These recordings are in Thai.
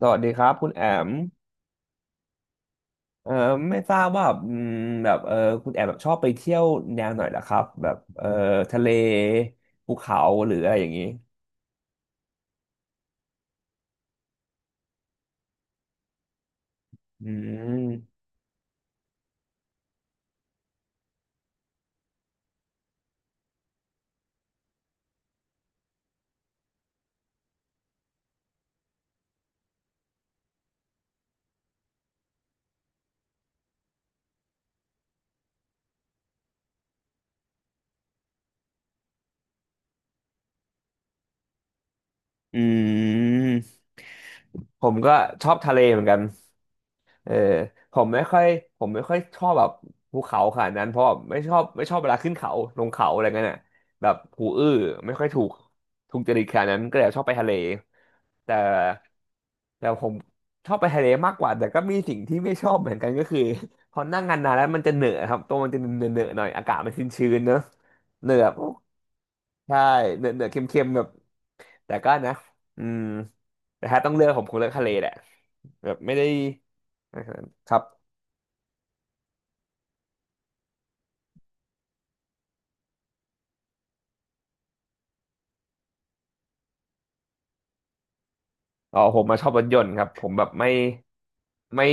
สวัสดีครับคุณแอมเอ่อไม่ทราบว่าแบบคุณแอมแบบชอบไปเที่ยวแนวไหนล่ะครับแบบทะเลภูเขาหรืออะไรอย่างนี้อืมอืม ผมก็ชอบทะเลเหมือนกันเออผมไม่ค่อยผมไม่ค่อยชอบแบบภูเขาขนาดนั้นเพราะไม่ชอบเวลาขึ้นเขาลงเขาอะไรเงี้ยน่ะแบบหูอื้อไม่ค่อยถูกจริตขนาดนั้นก็เลยชอบไปทะเลแต่แต่ผมชอบไปทะเลมากกว่าแต่ก็มีสิ่งที่ไม่ชอบเหมือนกันก็คือ พอนั่งนานๆแล้วมันจะเหนอะครับตัวมันจะเหนอะๆหน่อยอากาศมันชื้นๆเนอะเหนอะใช่เหนอะๆเค็มๆแบบ แต่ก็นะอืมแต่ถ้าต้องเลือกผมคงเลือกทะเลแหละแบบไม่ได้นะครับอ๋อผมมาชอบรถยนต์ครับผมแบบไม่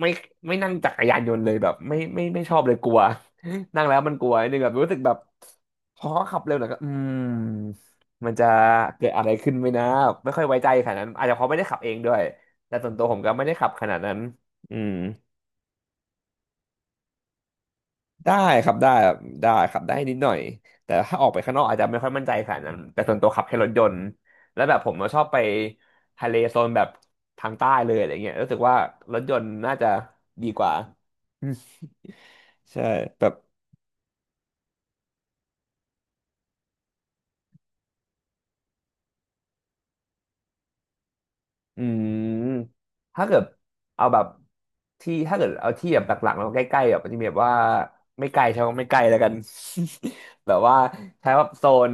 ไม่ไม่นั่งจักรยานยนต์เลยแบบไม่ไม่ชอบเลยกลัว นั่งแล้วมันกลัวนิดนึงแบบรู้สึกแบบพอขับเร็วหน่อยก็มันจะเกิดอะไรขึ้นไหมนะไม่ค่อยไว้ใจขนาดนั้นอาจจะเพราะไม่ได้ขับเองด้วยแต่ส่วนตัวผมก็ไม่ได้ขับขนาดนั้นอืม ได้ครับได้ได้ครับได้นิดหน่อยแต่ถ้าออกไปข้างนอกอาจจะไม่ค่อยมั่นใจขนาดนั้นแต่ส่วนตัวขับแค่รถยนต์แล้วแบบผมก็ชอบไปทะเลโซนแบบทางใต้เลยอะไรเงี้ยรู้สึกว่ารถยนต์น่าจะดีกว่า ใช่แบบ อืมถ้าเกิดเอาแบบที่ถ้าเกิดเอาที่แบบหลักๆแล้วใกล้ๆแบบมันจะมีแบบว่าไม่ไกลใช่ไหมไม่ไกลแล้วกัน แบบว่าใช้แบบโซน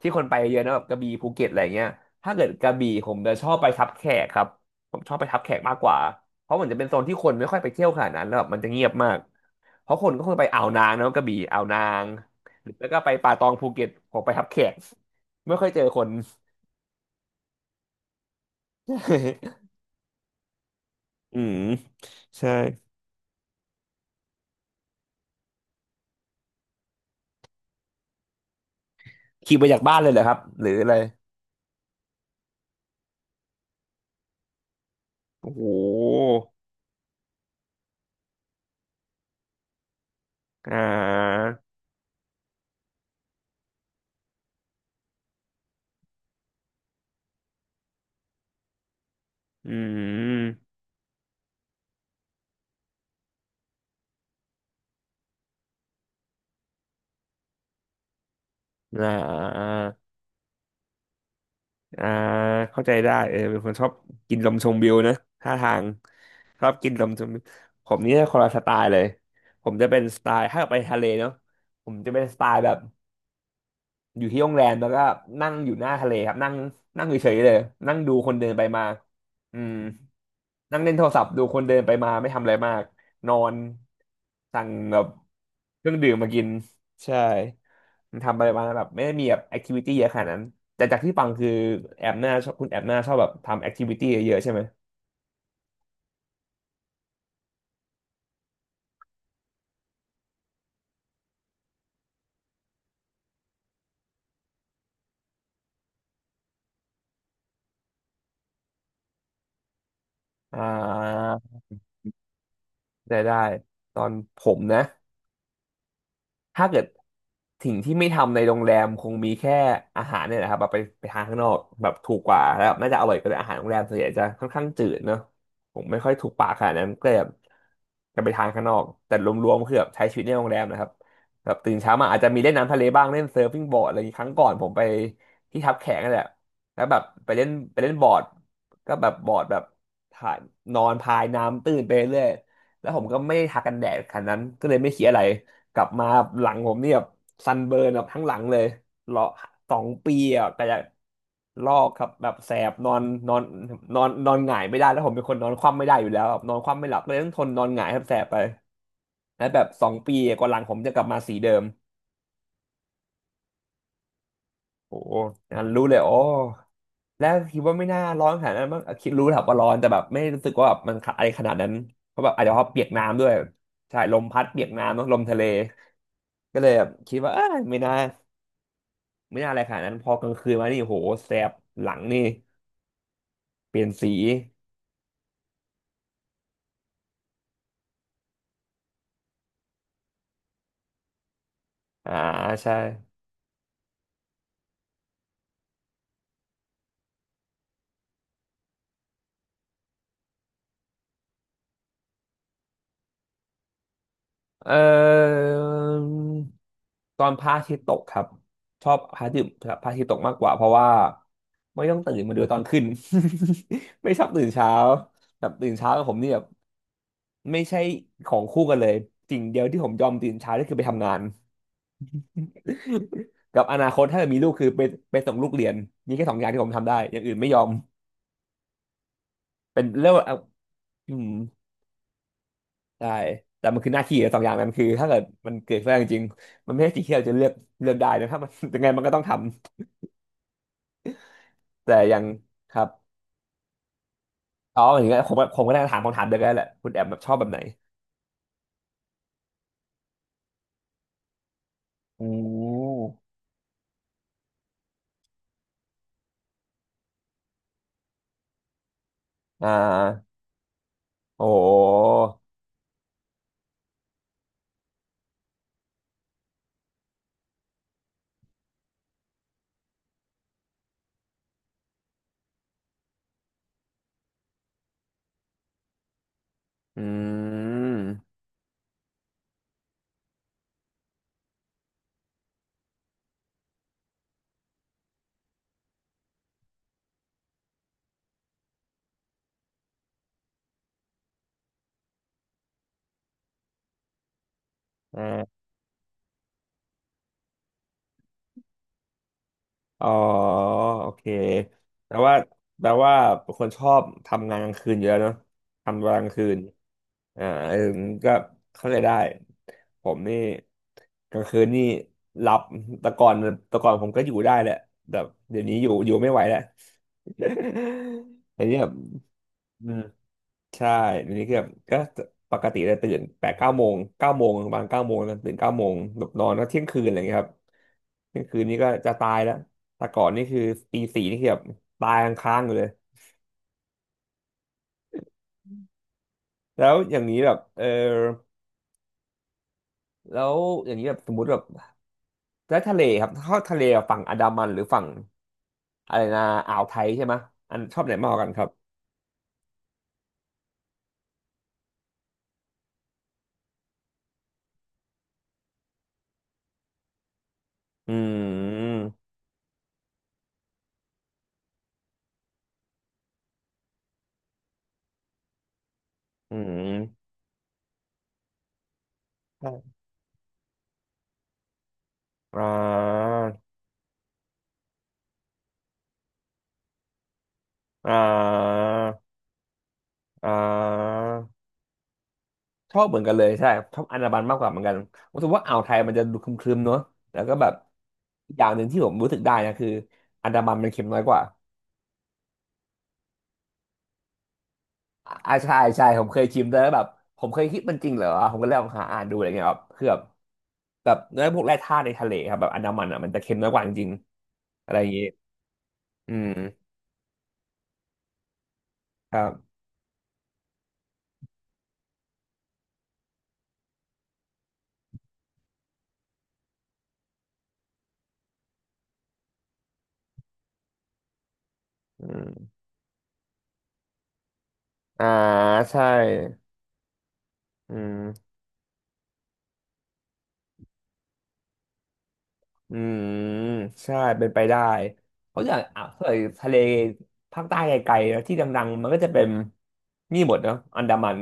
ที่คนไปเยอะนะแบบกระบี่ภูเก็ตอะไรเงี้ยถ้าเกิดกระบี่ผมจะชอบไปทับแขกครับผมชอบไปทับแขกมากกว่าเพราะเหมือนจะเป็นโซนที่คนไม่ค่อยไปเที่ยวขนาดนั้นแล้วแบบมันจะเงียบมากเพราะคนก็คือไปอ่าวนางเนอะกระบี่อ่าวนาง หรือแล้วก็ไปป่าตองภูเก็ตผมไปทับแขก ไม่ค่อยเจอคน อืมใช่ ขี่ไปจากบ้านเลยเหรอครับหรืออะไรโอ้โหอ่าอืมอ่าอ่าอ่าเข้าใจได้เออเป็นคนชอบกินลมชมวิวนะท่าทางชอบกินลมชมวิวผมนี่คนละสไตล์เลยผมจะเป็นสไตล์ถ้าไปทะเลเนาะผมจะเป็นสไตล์แบบ อยู่ที่โรงแรมแล้วก็นั่งอยู่หน้าทะเลครับนั่งนั่งเฉยๆเลยนั่งดูคนเดินไปมาอืมนั่งเล่นโทรศัพท์ดูคนเดินไปมาไม่ทำอะไรมากนอนสั่งแบบเครื่องดื่มมากินใช่มันทำอะไรมาแบบไม่ได้มีแบบแอคทิวิตี้เยอะขนาดนั้นแต่จากที่ฟังคือแอบหน้าชอบคุณแอบหน้าชอบแบบทำแอคทิวิตี้เยอะๆใช่ไหมอ่าได้ได้ตอนผมนะ ถ้าเกิดสิ่งที่ไม่ทำในโรงแรมคงมีแค่อาหารเนี่ยนะครับแบบไปไปทานข้างนอกแบบถูกกว่าแล้วน่าจะอร่อยกว่าด้วยอาหารโรงแรมส่วนใหญ่จะค่อนข้างจืดเนอะผมไม่ค่อยถูกปากขนาดนั้นก็เลยแบบจะไปทานข้างนอกแต่รวมๆคือแบบใช้ชีวิตในโรงแรมนะครับแบบตื่นเช้ามาอาจจะมีเล่นน้ำทะเลบ้างเล่นเซิร์ฟฟิ้งบอร์ดอะไรอย่างงี้ครั้งก่อนผมไปที่ทับแขกนั่นแหละแล้วแบบไปเล่นบอร์ดก็แบบบอร์ดแบบถ่ายนอนพายน้ำตื้นไปเรื่อยแล้วผมก็ไม่ได้ทากันแดดขนาดนั้นก็เลยไม่คิดอะไร กลับมาหลังผมเนี่ยแบบซันเบิร์นแบบทั้งหลังเลยรอสองปีอ่ะก็จะลอกครับแบบแสบนอนนอนนอนนอนหงายไม่ได้แล้วผมเป็นคนนอนคว่ำไม่ได้อยู่แล้วแบบนอนคว่ำไม่หลับเลยต้องทนนอนหงายครับแสบไปแล้วแบบสองปีกว่าหลังผมจะกลับมาสีเดิมโอ้งั้นรู้เลยโอ้แล้วคิดว่าไม่น่าร้อนขนาดนั้นมั้งคิดรู้แหละว่าร้อนแต่แบบไม่รู้สึกว่าแบบมันอะไรขนาดนั้นเพราะแบบอาจจะเพราะเปียกน้ำด้วยใช่ลมพัดเปียกน้ำเนอะลมทะเลก็เลยแบบคิดว่าเอ้ยไม่น่า ไม่น่าอะไรขนาดนั้นพอกลางคืนมานี่โหแสบหลังนี่เปลี่ยนสีอ่าใช่เอ่อตอนพระอาทิตย์ตกครับชอบพระอาทิตย์พระอาทิตย์ตกมากกว่าเพราะว่าไม่ต้องตื่นมาดูตอนขึ้น ไม่ชอบตื่นเช้าแบบตื่นเช้ากับผมนี่แบบไม่ใช่ของคู่กันเลยสิ่งเดียวที่ผมยอมตื่นเช้านี่คือไปทำงาน กับอนาคตถ้าเกิดมีลูกคือไปส่งลูกเรียนนี่แค่สองอย่างที่ผมทำได้อย่างอื่นไม่ยอมเป็นเรียกว่าเอาอืม ใช่แต่มันคือหน้าที่สองอย่างนั้นคือถ้าเกิดมันเกิดขึ้นจริงๆมันไม่ใช่สิ่งที่เราจะเลือกเลือกได้นะถ้ามัน ยังไงมันก็ต้องทำแต่อย่างครับอ๋ออย่างเงี้ยผมก็ได้ถามคำถามเดียวกันแหละคุณแอมแบบชอบแบบไหนอืมอ่าโอ้โหอืมอ่า อ๋อโอเคแปลว่าแปลว่าเป็นคนชอบทำงานกลางคืนอยู่แล้วเนาะทำเวลากลางคืนอ่าเออก็เข้าใจได้ผมนี่กลางคืนนี่หลับแต่ก่อนแต่ก่อนผมก็อยู่ได้แหละแต่เดี๋ยวนี้อยู่ไม่ไหวแล้ว อันนี้แบบอืมใช่อันี้คือแบบก็ปกติจะตื่นแปดเก้าโมงเก้าโมงประมาณเก้าโมงนะตื่นเก้าโมงหลับนอนก็เที่ยงคืนอะไรอย่างเงี้ยครับ นี่คืนนี้ก็จะตายแล้ว แต่ก่อนนี่คือตีสี่นี่คือแบบตายค้างๆอยู่เลย แล้วอย่างนี้แบบเออแล้วอย่างนี้แบบสมมติแบบแล้วทะเลครับเข้าทะเลฝั่งอันดามันหรือฝั่งอะไรนะอ่าวไทยใช่ไหม อันชอบไหนมากกว่ากันครับอืมอืมอ่าอ่าอ่า ชอบเหมือนกันเลยใช่ชอบอันดามันมากกว่าเหมือนกันรู้สึกว่าอ่าวไทยมันจะดูครึมๆเนอะแล้วก็แบบอีกอย่างหนึ่งที่ผมรู้สึกได้นะคืออันดามันมันเค็มน้อยกว่าอ่าใช่ใช่ผมเคยชิมแต่แบบผมเคยคิดมันจริงเหรอผมก็เลยลองหาอ่านดูอะไรเงี้ยครับคือแบบแบบเนื้อพวกแร่ธาตุในทะเลครับแบบอันดามันอ่ะมันจะเค็มน้อยกว่าจริงๆอะไรอย่างงี้อืมครับอืมอ่าใช่อืม อืมใช่เป็นไปได้เพราะอย่างอ่าวถ้าเกิดทะเลภาคใต้ไกลๆนะที่ดังๆมันก็จะเป็นนี่หมดเนาะอันดามัน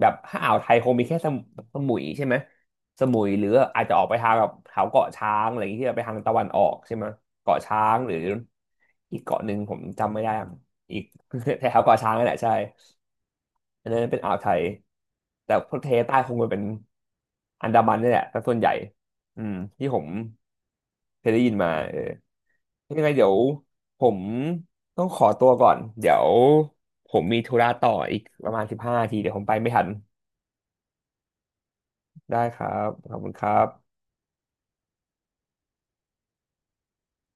แบบถ้าอ่าวไทยคงมีแค่สมสมุยใช่ไหมสมุยหรืออาจจะออกไปทางแบบแถวเกาะช้างอะไรอย่างเงี้ยที่แบบไปทางตะวันออกใช่ไหมเกาะช้างหรืออีกเกาะหนึ่งผมจำไม่ได้อะอีก แถวเกาะช้างนั่นแหละใช่ อันนั้นเป็นอ่าวไทยแต่พวกทะเลใต้คงจะเป็นอันดามันนี่แหละแตส่วนใหญ่อืมที่ผมเคยได้ยินมาเออยังไงเดี๋ยวผมต้องขอตัวก่อน เดี๋ยวผมมีธุระต่ออีกประมาณ15นาทีเดี๋ยวผมไปไม่ทันได้ครับ ขอบคุณครับ